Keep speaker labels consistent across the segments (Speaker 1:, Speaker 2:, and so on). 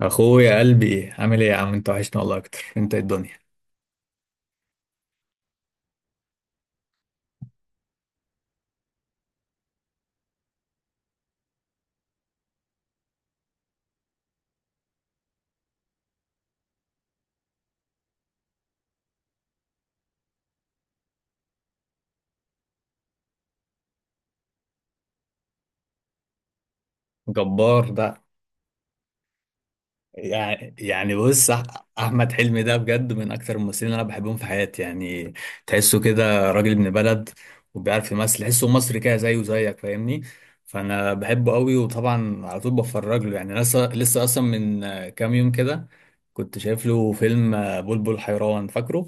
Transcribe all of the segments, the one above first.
Speaker 1: اخويا، قلبي عامل ايه يا عم؟ انت وحشنا والله اكتر. انت إيه الدنيا، جبار ده. يعني بص، احمد حلمي ده بجد من اكتر الممثلين اللي انا بحبهم في حياتي يعني. تحسه كده راجل ابن بلد وبيعرف يمثل، تحسه مصري كده زيه زيك، فاهمني. فانا بحبه قوي وطبعا على طول بتفرج له يعني. لسه اصلا من كام يوم كده كنت شايف له فيلم، بلبل حيران، فاكره.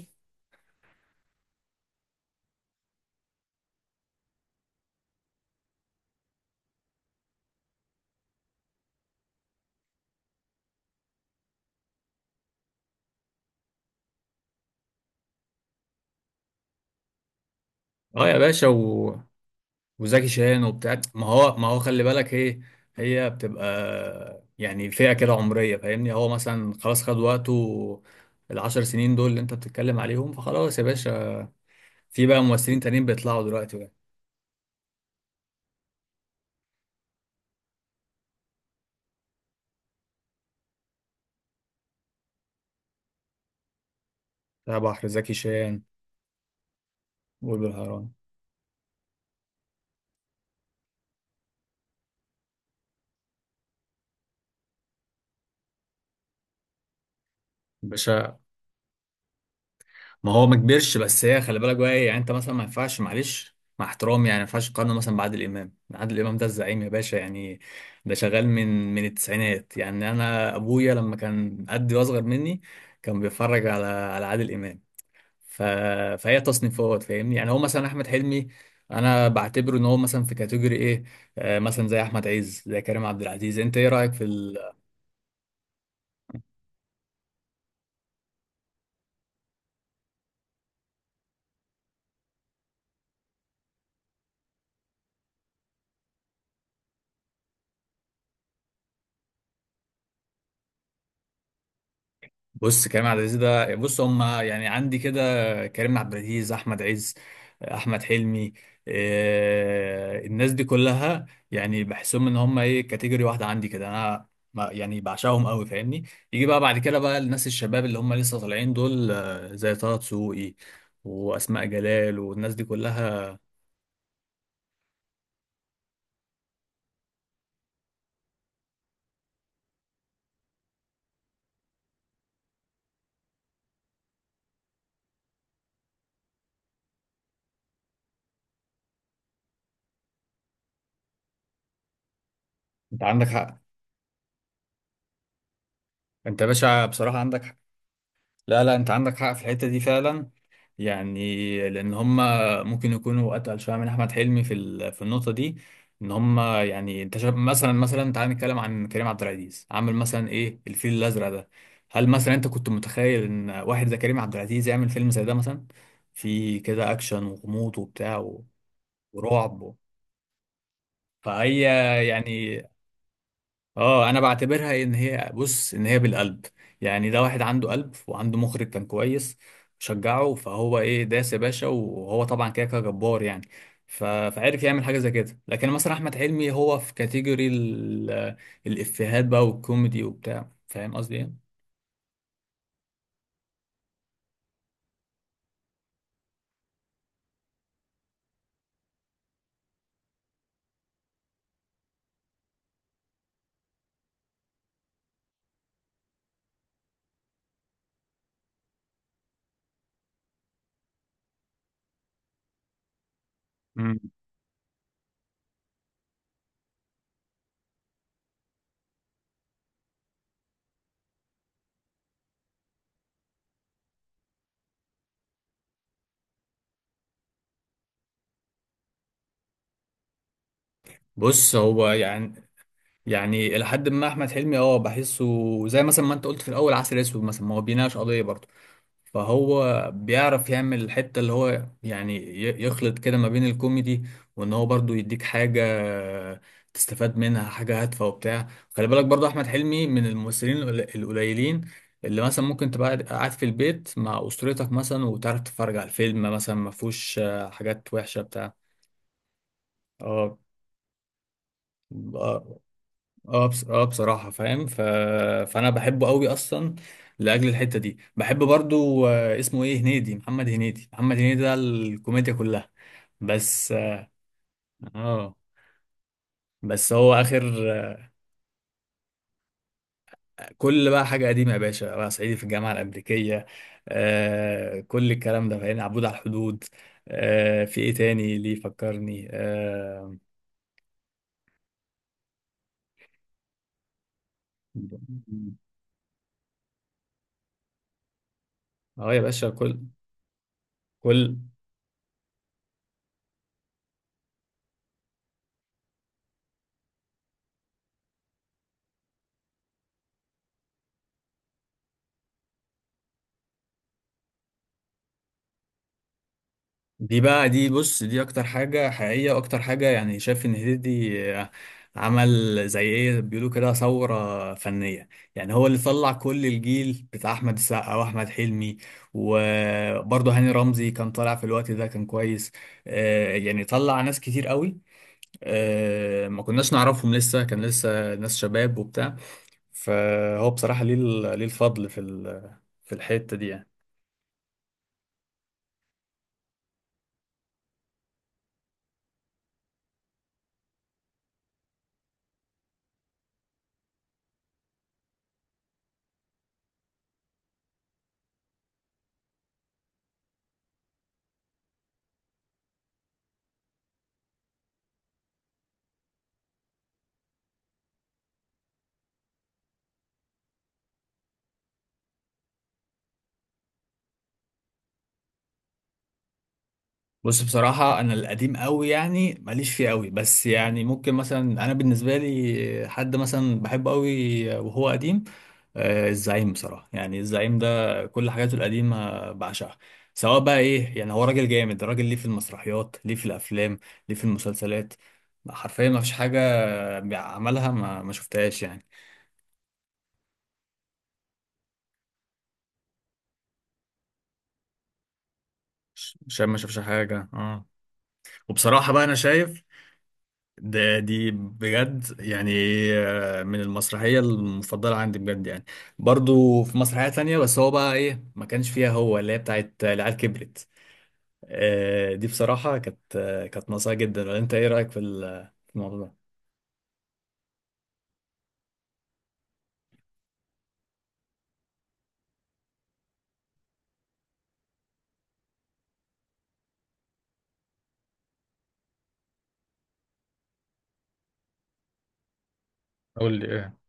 Speaker 1: اه يا باشا، وزكي شان وبتاع. ما هو خلي بالك ايه، هي بتبقى يعني فئة كده عمرية فاهمني. هو مثلا خلاص خد وقته، ال10 سنين دول اللي انت بتتكلم عليهم، فخلاص يا باشا. في بقى ممثلين تانيين بيطلعوا دلوقتي بقى. بتاع بحر، زكي شان، بلبل حيران. باشا، ما هو ما كبرش، بس هي خلي بالك بقى ايه. يعني انت مثلا ما ينفعش، معلش مع احترامي، يعني ما ينفعش تقارنه مثلا بعادل امام. عادل امام ده الزعيم يا باشا يعني، ده شغال من التسعينات يعني. انا ابويا لما كان قدي واصغر مني كان بيتفرج على عادل امام. ف... فهي تصنيفات فاهمني. يعني هو مثلا احمد حلمي انا بعتبره ان هو مثلا في كاتيجوري ايه، مثلا زي احمد عز، زي كريم عبد العزيز. انت ايه رايك في... بص كريم عبد العزيز ده، بص، هم يعني عندي كده: كريم عبد العزيز، احمد عز، احمد حلمي. إيه الناس دي كلها يعني بحسهم ان هم ايه، كاتيجوري واحده عندي كده انا. يعني بعشقهم قوي فاهمني. يجي بقى بعد كده بقى الناس الشباب اللي هم لسه طالعين دول، زي طه دسوقي واسماء جلال والناس دي كلها. انت عندك حق. انت يا باشا بصراحه عندك حق. لا لا، انت عندك حق في الحته دي فعلا. يعني لان هم ممكن يكونوا اتقل شويه من احمد حلمي في في النقطه دي. ان هم يعني انت شايف مثلا، تعال نتكلم عن كريم عبد العزيز، عامل مثلا ايه الفيل الازرق ده. هل مثلا انت كنت متخيل ان واحد زي كريم عبد العزيز يعمل فيلم زي ده مثلا، في كده اكشن وغموض وبتاع ورعب. فهي يعني، اه انا بعتبرها ان هي، بص، ان هي بالقلب. يعني ده واحد عنده قلب وعنده مخرج كان كويس شجعه، فهو ايه داس يا باشا. وهو طبعا كده كده جبار يعني، فعرف يعمل حاجه زي كده. لكن مثلا احمد حلمي هو في كاتيجوري الافيهات بقى والكوميدي وبتاع، فاهم قصدي ايه. مم. بص هو يعني، يعني الى حد ما احمد حلمي اه بحسه، زي مثلا ما انت قلت في الاول، عسل اسود مثلا ما هو بيناقش قضيه برضه. فهو بيعرف يعمل الحتة اللي هو يعني يخلط كده ما بين الكوميدي، وان هو برضو يديك حاجة تستفاد منها، حاجة هادفة وبتاع. خلي بالك برضو احمد حلمي من الممثلين القليلين اللي مثلا ممكن تبقى قاعد قاعد في البيت مع اسرتك مثلا وتعرف تتفرج على الفيلم، مثلا ما فيهوش حاجات وحشة بتاع. اه اه، اه بصراحة فاهم. فأنا بحبه قوي أصلا لأجل الحتة دي. بحب برضو، اسمه إيه، هنيدي، محمد هنيدي. محمد هنيدي ده الكوميديا كلها بس. اه. بس هو آخر كل بقى حاجة قديمة يا باشا: بقى صعيدي في الجامعة الأمريكية، آه كل الكلام ده. فاهم، عبود على الحدود، آه في إيه تاني ليه فكرني اه يا باشا. كل دي بقى، دي بص، دي اكتر حاجة حقيقية واكتر حاجة. يعني شايف ان هنيدي عمل زي ايه بيقولوا كده، ثورة فنية. يعني هو اللي طلع كل الجيل بتاع احمد السقا واحمد حلمي، وبرضه هاني رمزي كان طالع في الوقت ده كان كويس. يعني طلع ناس كتير قوي، ما كناش نعرفهم لسه، كان لسه ناس شباب وبتاع. فهو بصراحة ليه ليه الفضل في في الحتة دي يعني. بص، بصراحة أنا القديم قوي يعني ماليش فيه قوي، بس يعني ممكن مثلا، أنا بالنسبة لي حد مثلا بحبه قوي وهو قديم، الزعيم بصراحة يعني. الزعيم ده كل حاجاته القديمة بعشقها، سواء بقى إيه يعني. هو راجل جامد، راجل ليه في المسرحيات، ليه في الأفلام، ليه في المسلسلات. حرفيا ما فيش حاجة عملها ما شفتهاش يعني. شايف ما شافش حاجة، اه. وبصراحة بقى أنا شايف ده، دي بجد يعني، من المسرحية المفضلة عندي بجد يعني. برضو في مسرحية تانية بس هو بقى ايه ما كانش فيها، هو اللي هي بتاعت العيال كبرت. دي بصراحة كانت كانت ناقصة جدا، ولا انت ايه رأيك في في الموضوع ده؟ قول لي ايه.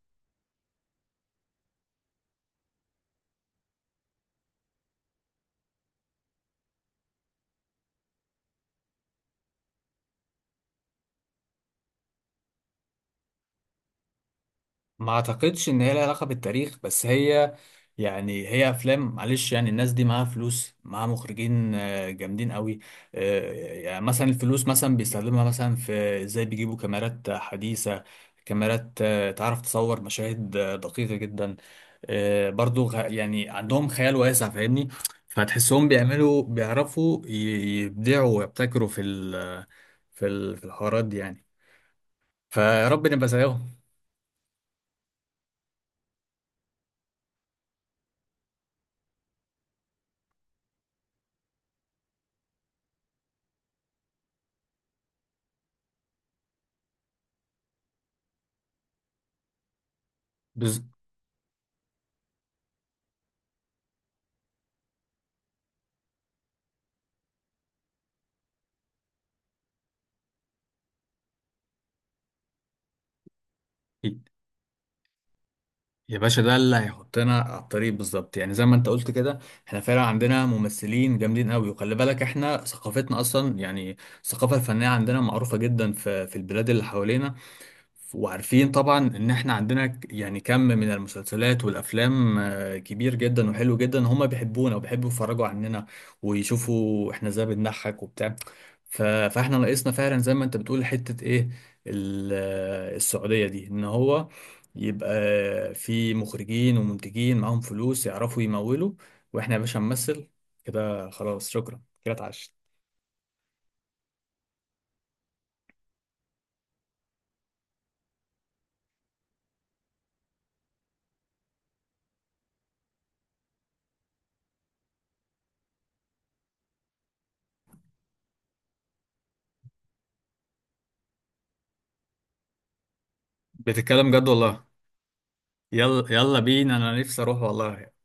Speaker 1: ما اعتقدش ان هي لها علاقه بالتاريخ، بس هي يعني هي افلام، معلش يعني الناس دي معاها فلوس، معاها مخرجين جامدين قوي. يعني مثلا الفلوس مثلا بيستخدمها مثلا في ازاي بيجيبوا كاميرات حديثه، كاميرات تعرف تصور مشاهد دقيقه جدا. برضو يعني عندهم خيال واسع فاهمني. فتحسهم بيعملوا بيعرفوا يبدعوا ويبتكروا في في الحوارات دي يعني. فيا رب نبقى زيهم. بز- يا باشا ده اللي هيحطنا على الطريق بالظبط، يعني زي ما انت قلت كده. احنا فعلا عندنا ممثلين جامدين قوي، وخلي بالك احنا ثقافتنا اصلا يعني الثقافه الفنيه عندنا معروفه جدا في البلاد اللي حوالينا. وعارفين طبعا ان احنا عندنا يعني كم من المسلسلات والافلام كبير جدا وحلو جدا، هما بيحبونا وبيحبوا يتفرجوا عننا ويشوفوا احنا ازاي بنضحك وبتاع. فاحنا ناقصنا فعلا زي ما انت بتقول حتة ايه، السعودية دي. ان هو يبقى في مخرجين ومنتجين معاهم فلوس يعرفوا يمولوا، واحنا يا باشا نمثل كده خلاص، شكرا كده اتعشت. بتتكلم جد والله؟ يلا يلا بينا، انا نفسي اروح والله.